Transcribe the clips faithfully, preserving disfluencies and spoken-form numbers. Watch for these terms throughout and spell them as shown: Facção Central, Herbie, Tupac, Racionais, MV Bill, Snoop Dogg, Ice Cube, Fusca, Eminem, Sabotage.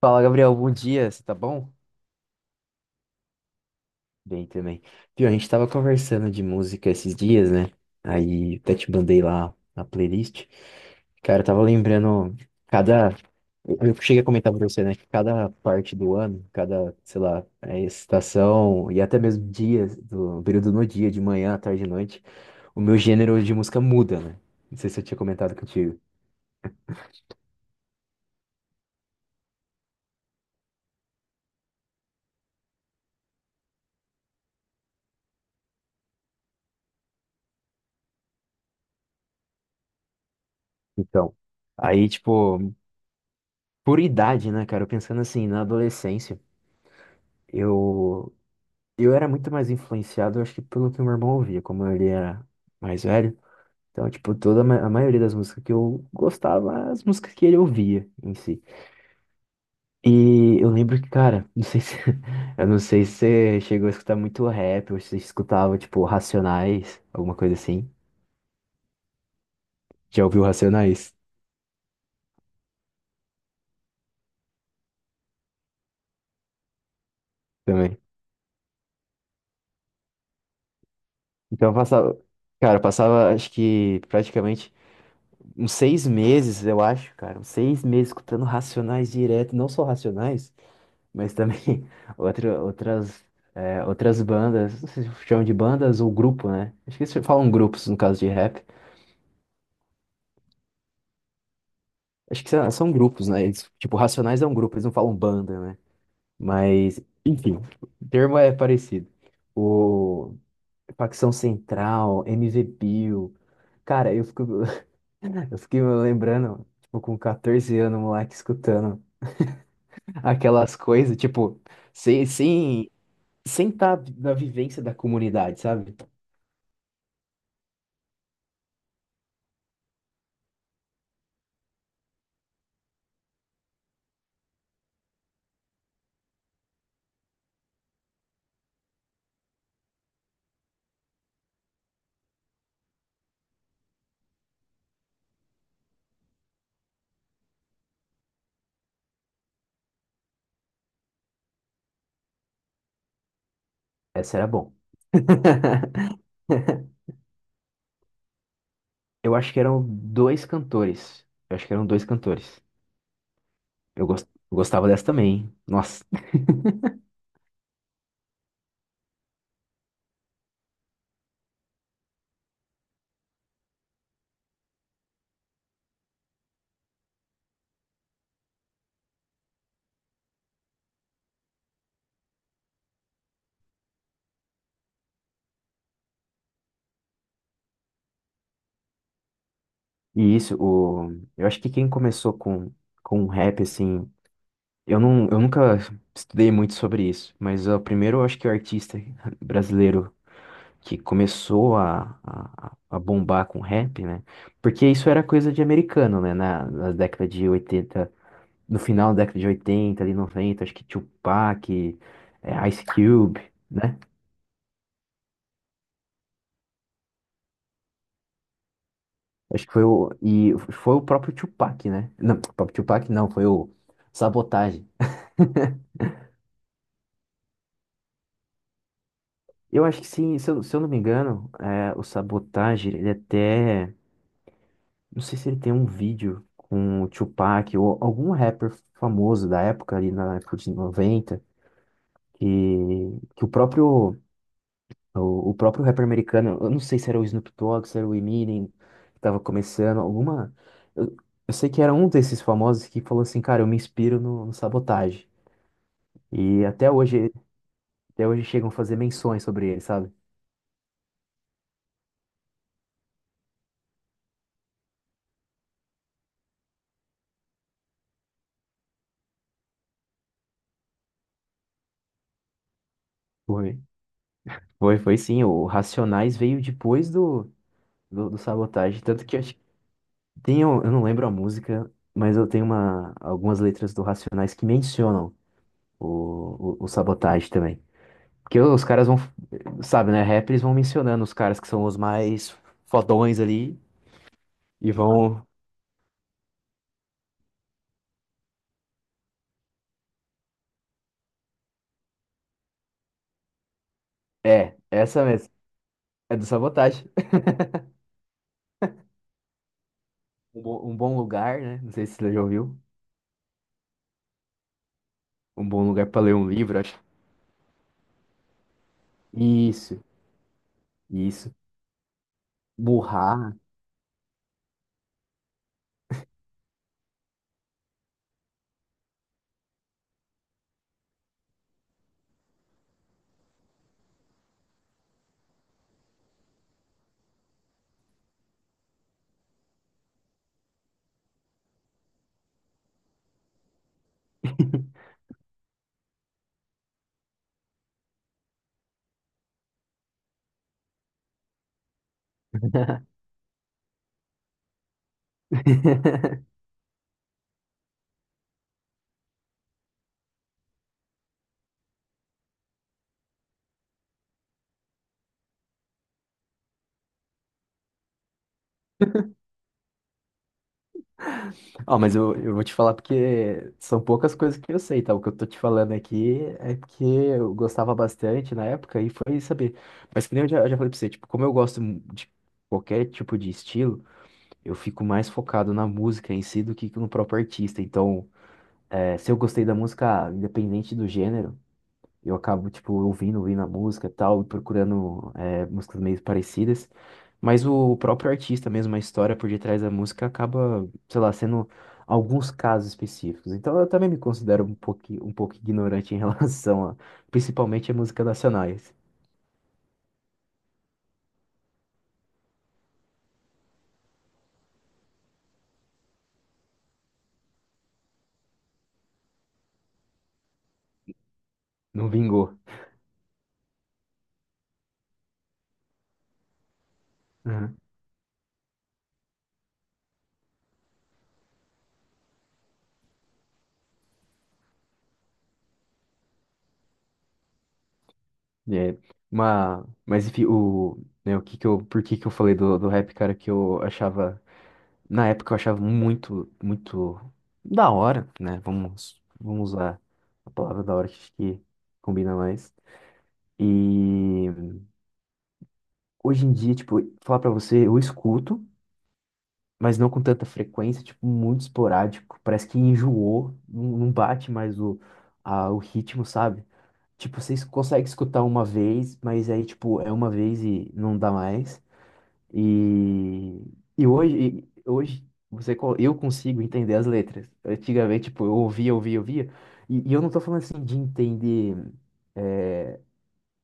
Fala, Gabriel, bom dia, você tá bom? Bem também. Viu, a gente tava conversando de música esses dias, né? Aí até te mandei lá a playlist. Cara, eu tava lembrando cada. Eu cheguei a comentar pra você, né? Que cada parte do ano, cada, sei lá, é, estação e até mesmo dias, do período no dia, de manhã, à tarde e noite, o meu gênero de música muda, né? Não sei se eu tinha comentado contigo. Então, aí, tipo, por idade, né, cara? Eu pensando assim, na adolescência. Eu Eu era muito mais influenciado, eu acho que pelo que meu irmão ouvia, como ele era mais velho. Então, tipo, toda a ma- a maioria das músicas que eu gostava, eram as músicas que ele ouvia em si. E eu lembro que, cara, não sei se eu não sei se você chegou a escutar muito rap, ou se você escutava, tipo, Racionais, alguma coisa assim. Já ouviu Racionais também? Então eu passava, cara, eu passava, acho que praticamente uns seis meses, eu acho, cara, uns seis meses escutando Racionais direto, não só Racionais. Mas também outra, outras, é, outras bandas, não sei se chamam de bandas ou grupo, né? Acho que eles falam grupos no caso de rap. Acho que são são grupos, né? Eles, tipo, Racionais é um grupo, eles não falam banda, né? Mas, enfim, o termo é parecido. O Facção Central, M V Bill. Cara, eu fico, eu fiquei me lembrando, tipo, com catorze anos, moleque, escutando aquelas coisas, tipo, sem, sem, sem estar na vivência da comunidade, sabe? Essa era bom. Eu acho que eram dois cantores. Eu acho que eram dois cantores. Eu gos- eu gostava dessa também, hein? Nossa. E isso, o… eu acho que quem começou com, com rap, assim. Eu, não, eu nunca estudei muito sobre isso, mas o primeiro eu acho que o artista brasileiro que começou a, a, a bombar com rap, né? Porque isso era coisa de americano, né? Na, na década de oitenta, no final da década de oitenta, ali noventa, acho que Tupac, eh, Ice Cube, né? Acho que foi o. E foi o próprio Tupac, né? Não, o próprio Tupac não, foi o Sabotage. Eu acho que sim, se eu, se eu não me engano, é, o Sabotage, ele até. Não sei se ele tem um vídeo com o Tupac ou algum rapper famoso da época, ali na época de noventa que, que o próprio. O, o próprio rapper americano, eu não sei se era o Snoop Dogg, se era o Eminem, que tava começando, alguma. Eu, eu sei que era um desses famosos que falou assim, cara, eu me inspiro no, no Sabotage. E até hoje, até hoje chegam a fazer menções sobre ele, sabe? Foi, foi, foi sim. O Racionais veio depois do, do, do Sabotage. Tanto que acho que tem, um- eu não lembro a música, mas eu tenho uma, algumas letras do Racionais que mencionam o, o, o Sabotage também. Porque os caras vão, sabe, né? Rap, eles vão mencionando os caras que são os mais fodões ali e vão. É, essa mesmo. É do Sabotage. Um bom, um bom lugar, né? Não sei se você já ouviu. Um bom lugar pra ler um livro, acho. Isso, Isso. Burrar. Ó, mas eu, eu vou te falar porque são poucas coisas que eu sei, tá? O que eu tô te falando aqui é porque eu gostava bastante na época e foi saber. Mas que nem eu já, já falei pra você, tipo, como eu gosto de qualquer tipo de estilo, eu fico mais focado na música em si do que no próprio artista. Então, é, se eu gostei da música, ah, independente do gênero, eu acabo, tipo, ouvindo, ouvindo a música e tal, e procurando é, músicas meio parecidas. Mas o próprio artista mesmo, a história por detrás da música acaba, sei lá, sendo alguns casos específicos. Então eu também me considero um pouco, um pouco ignorante em relação a, principalmente a músicas nacionais. Não vingou. Uhum. É, mas, mas enfim, o, né, o que que eu, por que que eu falei do, do rap, cara, que eu achava. Na época eu achava muito, muito da hora, né? Vamos, vamos usar a palavra da hora, que acho que combina mais. E hoje em dia, tipo, falar pra você, eu escuto, mas não com tanta frequência, tipo, muito esporádico. Parece que enjoou, não não bate mais o, a, o ritmo, sabe? Tipo, vocês conseguem escutar uma vez, mas aí, tipo, é uma vez e não dá mais. E, e hoje, e hoje você, co- eu consigo entender as letras. Antigamente, tipo, eu ouvia, ouvia, ouvia. E, e eu não tô falando assim de entender eh,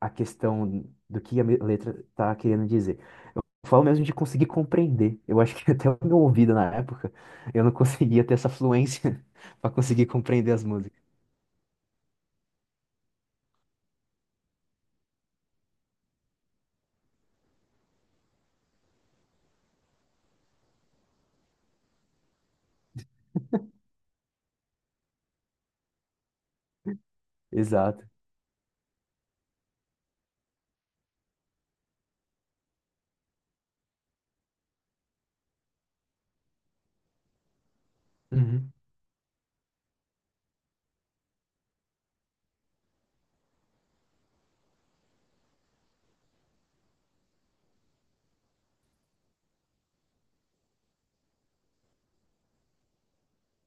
a questão do que a me- letra tá querendo dizer. Eu falo mesmo de conseguir compreender. Eu acho que até o meu ouvido na época, eu não conseguia ter essa fluência para conseguir compreender as músicas. Exato. Uhum.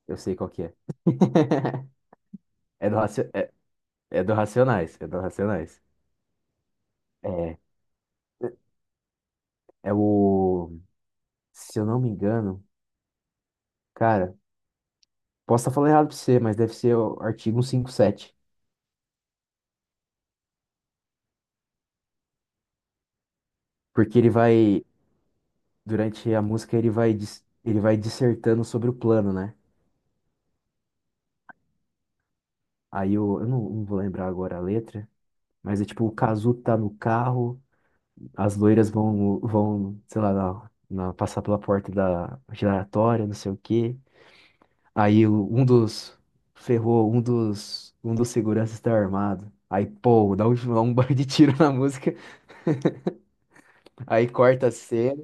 Eu sei qual que é. É do, Raci- é, é do Racionais. É do Racionais. É. É o. Se eu não me engano, cara. Posso estar falando errado pra você, mas deve ser o artigo cento e cinquenta e sete. Porque ele vai, durante a música, ele vai, dis- ele vai dissertando sobre o plano, né? Aí eu, eu não, não vou lembrar agora a letra, mas é tipo, o Cazu tá no carro, as loiras vão, vão, sei lá, na- na- passar pela porta da giratória, não sei o quê. Aí o- um dos, ferrou, um dos, um dos seguranças tá armado. Aí, pô, dá um, um bar de tiro na música, aí corta a cena.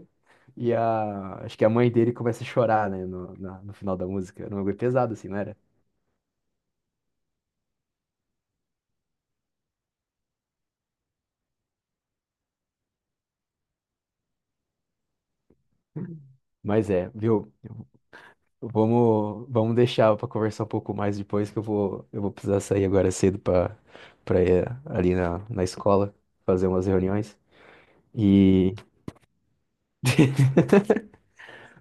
E a, acho que a mãe dele começa a chorar, né, no, na- no final da música. Era um bagulho pesado, assim, não era? Mas é, viu? Vamos, vamos deixar pra conversar um pouco mais depois, que eu vou, eu vou precisar sair agora cedo pra, pra ir ali na, na escola fazer umas reuniões. E.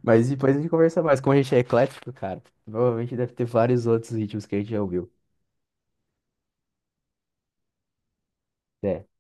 Mas depois a gente conversa mais. Como a gente é eclético, cara, provavelmente deve ter vários outros ritmos que a gente já ouviu. Até.